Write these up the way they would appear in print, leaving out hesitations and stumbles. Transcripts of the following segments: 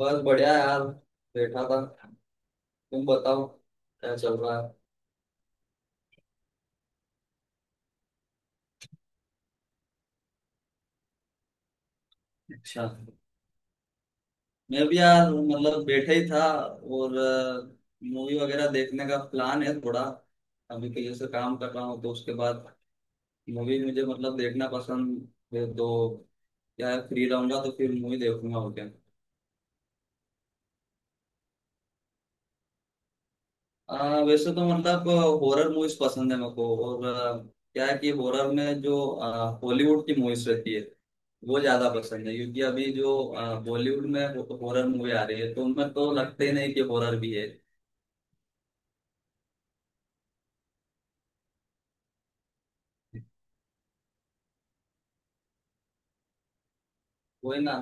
बस बढ़िया यार। बैठा था। तुम बताओ क्या चल रहा है। अच्छा। मैं भी यार मतलब बैठा ही था। और मूवी वगैरह देखने का प्लान है थोड़ा। अभी के लिए से काम कर रहा हूँ तो उसके बाद मूवी मुझे मतलब देखना पसंद है तो क्या है, फ्री रहूंगा तो फिर मूवी देखूंगा। ओके। वैसे तो मतलब हॉरर मूवीज पसंद है मेरे को। और क्या है कि हॉरर में जो हॉलीवुड की मूवीज रहती है वो ज्यादा पसंद है, क्योंकि अभी जो बॉलीवुड में हॉरर मूवी आ रही है तो उनमें तो लगते ही नहीं कि हॉरर भी है। वही ना।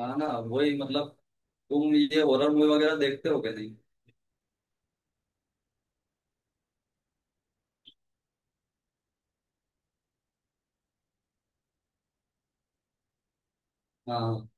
हाँ ना वही मतलब। तुम ये हॉरर मूवी वगैरह देखते हो क्या, नहीं? हाँ।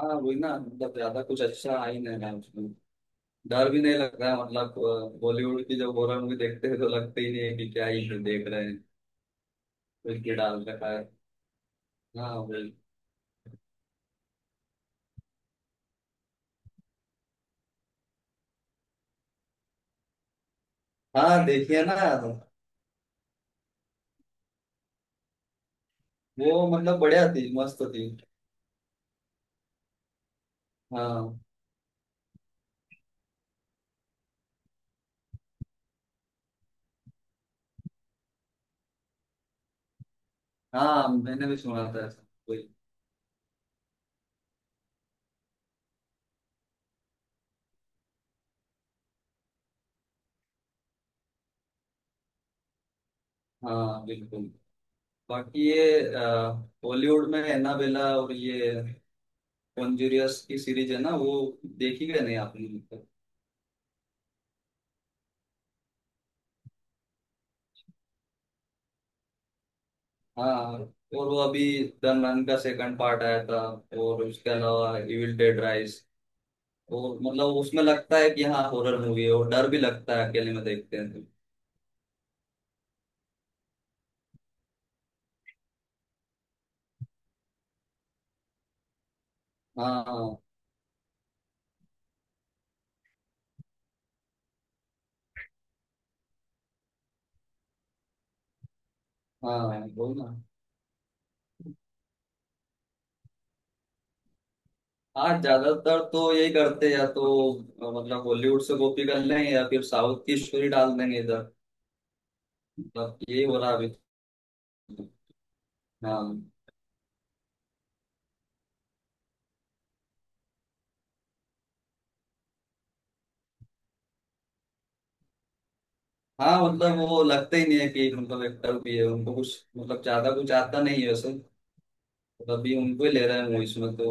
हाँ वही ना, मतलब ज्यादा कुछ अच्छा आ ही नहीं रहा है उसमें। डर भी नहीं लग रहा है, मतलब बॉलीवुड की जब हॉरर मूवी देखते हैं तो लगते ही नहीं है कि क्या ही देख रहे हैं। कुछ भी डाल रखा है। हाँ वही। हाँ देखिए ना। वो मतलब बढ़िया थी, मस्त थी। हाँ हाँ मैंने भी सुना था ऐसा। वही। हाँ बिल्कुल। बाकी ये बॉलीवुड में एनाबेला और ये कॉन्जुरियस की सीरीज है ना, वो देखी गई नहीं आपने मतलब? हाँ। और वो अभी दन रन का सेकंड पार्ट आया था, और उसके अलावा इविल डेड राइज। और मतलब उसमें लगता है कि हाँ हॉरर मूवी है और डर भी लगता है अकेले में देखते हैं तो। हाँ। हाँ बोल ना। हाँ ज्यादातर तो यही करते हैं, या तो मतलब बॉलीवुड से कॉपी कर लें या फिर साउथ की स्टोरी डाल देंगे इधर। मतलब यही हो रहा है अभी तो। हाँ। हाँ मतलब वो लगता ही नहीं है कि मतलब एक्टर भी है, उनको कुछ मतलब ज्यादा कुछ आता नहीं है वैसे। मतलब अभी उनको ही ले रहे हैं मूवीज में तो।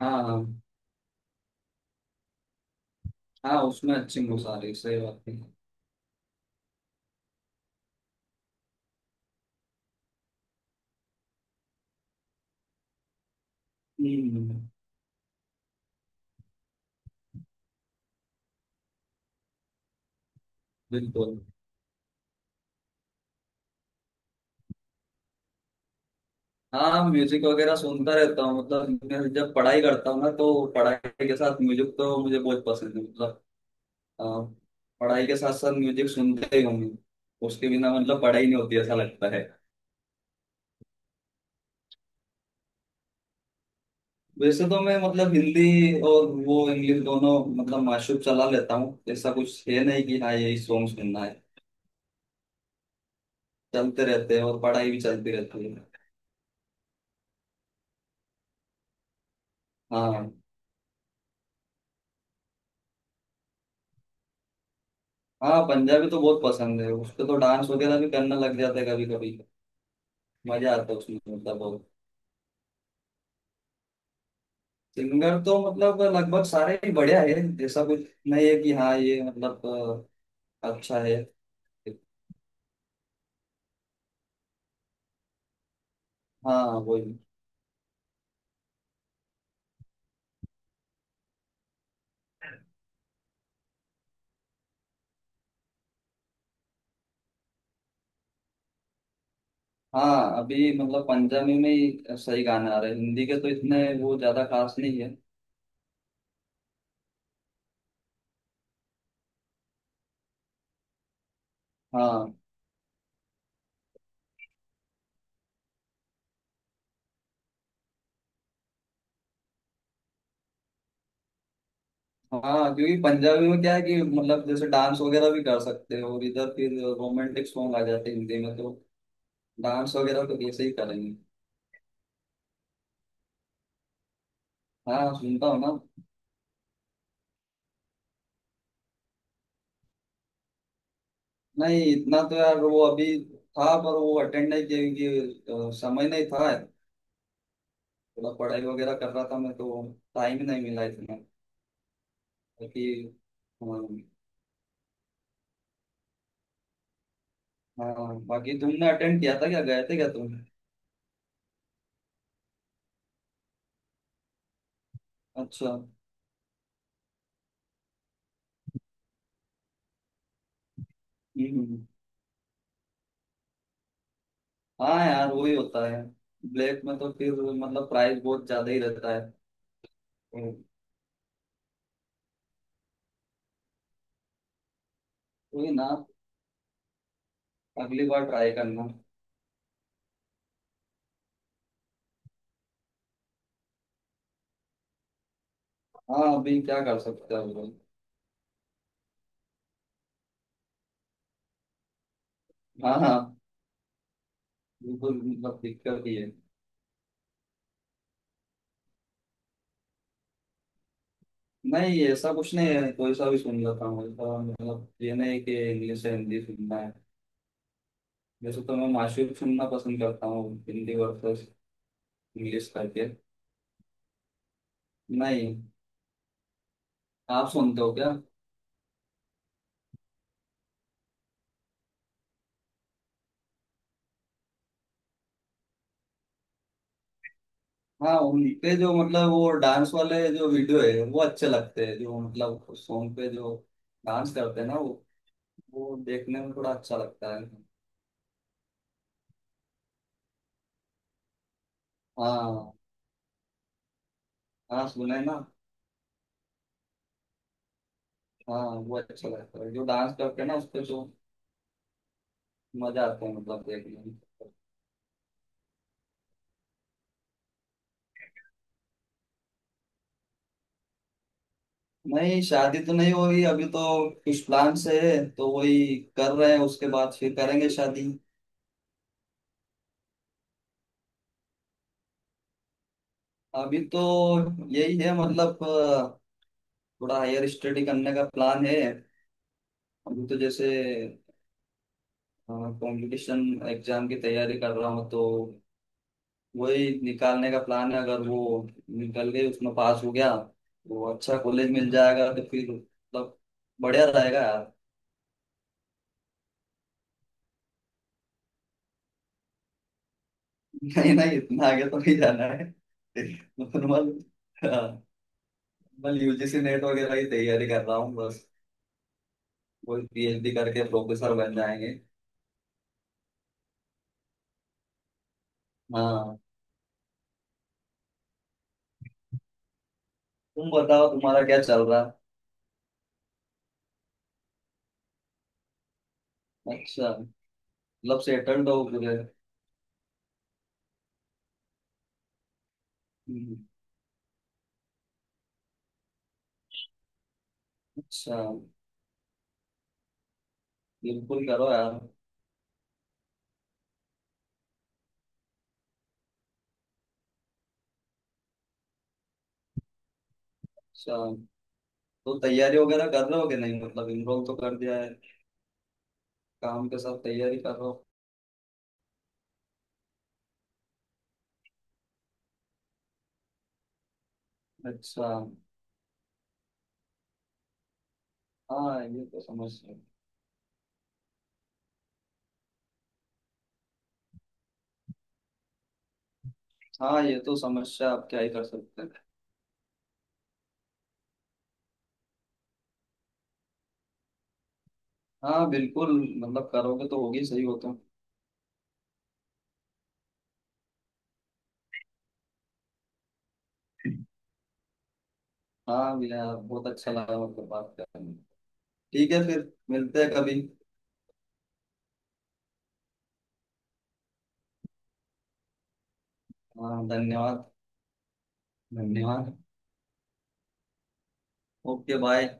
हाँ हाँ। हाँ उसमें अच्छी मूवीज आ रही है, सही बात है। हम्म। बिल्कुल। हाँ म्यूजिक वगैरह सुनता रहता हूँ, मतलब मैं जब पढ़ाई करता हूँ ना तो पढ़ाई के साथ म्यूजिक तो मुझे बहुत पसंद है। मतलब अ, पढ़ाई के साथ साथ म्यूजिक सुनते ही हूँ मैं। उसके बिना मतलब पढ़ाई नहीं होती ऐसा लगता है। वैसे तो मैं मतलब हिंदी और वो इंग्लिश दोनों मतलब माशूब चला लेता हूँ। ऐसा कुछ है नहीं कि हाँ यही सॉन्ग सुनना है, चलते रहते हैं और पढ़ाई भी चलती रहती है। हाँ। हाँ पंजाबी तो बहुत पसंद है, उस पे तो डांस वगैरह भी करने लग जाता है कभी कभी। मजा आता है उसमें मतलब बहुत। सिंगर तो मतलब लगभग सारे ही बढ़िया है, ऐसा कुछ नहीं है कि हाँ ये मतलब अच्छा है। हाँ वही। हाँ अभी मतलब पंजाबी में ही सही गाने आ रहे हैं, हिंदी के तो इतने वो ज्यादा खास नहीं है। हाँ। हाँ क्योंकि पंजाबी में क्या है कि मतलब जैसे डांस वगैरह भी कर सकते हो, और इधर फिर रोमांटिक सॉन्ग आ जाते हैं हिंदी में तो डांस वगैरह तो कैसे ही करेंगे। हाँ सुनता हूँ ना। नहीं इतना तो यार, वो अभी था पर वो अटेंड नहीं किया क्योंकि समय नहीं था, थोड़ा पढ़ाई वगैरह कर रहा था मैं तो। टाइम नहीं मिला इतना। बाकी। हाँ। हाँ, बाकी तुमने अटेंड किया था क्या, गए थे क्या तुम? अच्छा, हम्म। हम्म। हाँ यार वही होता है, ब्लैक में तो फिर मतलब प्राइस बहुत ज्यादा ही रहता है। वही ना। अगली बार ट्राई करना। हाँ अभी क्या कर सकते हैं बोल। हाँ हाँ बिल्कुल, मतलब दिक्कत ही है। नहीं ऐसा कुछ नहीं है, कोई सा भी सुन लेता हूँ ऐसा। मतलब ये नहीं कि इंग्लिश या हिंदी सुनना है। जैसे तो मैं माशूक सुनना पसंद करता हूँ, हिंदी वर्सेस इंग्लिश करके। नहीं। आप सुनते हो क्या? हाँ उनके जो मतलब वो डांस वाले जो वीडियो है वो अच्छे लगते हैं, जो मतलब सॉन्ग पे जो डांस करते हैं ना वो देखने में थोड़ा अच्छा लगता है। हाँ। हाँ सुने ना। हाँ। वो अच्छा लगता है जो डांस करते हैं ना उस पे जो मजा आता है मतलब देखने में। नहीं शादी तो नहीं हो रही अभी तो, कुछ प्लान से है तो वही कर रहे हैं, उसके बाद फिर करेंगे शादी। अभी तो यही है मतलब थोड़ा हायर स्टडी करने का प्लान है। अभी तो जैसे कंपटीशन एग्जाम की तैयारी कर रहा हूँ तो वही निकालने का प्लान है। अगर वो निकल गई, उसमें पास हो गया तो अच्छा कॉलेज मिल जाएगा तो फिर मतलब बढ़िया रहेगा यार। नहीं नहीं इतना आगे तो नहीं जाना है। नॉर्मल। नॉर्मल यूजीसी नेट वगैरह की तैयारी कर रहा हूँ बस। कोई पीएचडी करके प्रोफेसर बन जाएंगे। हाँ। तुम बताओ तुम्हारा क्या चल रहा है। अच्छा। मतलब सेटल्ड हो पूरे? हम्म, अच्छा। बिल्कुल करो यार। अच्छा, तो तैयारी वगैरह कर रहे हो कि नहीं, मतलब इनरोल तो कर दिया है, काम के साथ तैयारी कर रहे हो? अच्छा। हाँ ये तो समस्या। हाँ ये तो समस्या, आप क्या ही कर सकते हैं। हाँ बिल्कुल, मतलब करोगे तो होगी, सही हो तुम। हाँ भैया बहुत अच्छा लगा आपको बात करने में। ठीक है फिर मिलते हैं कभी। हाँ धन्यवाद। धन्यवाद। Okay bye.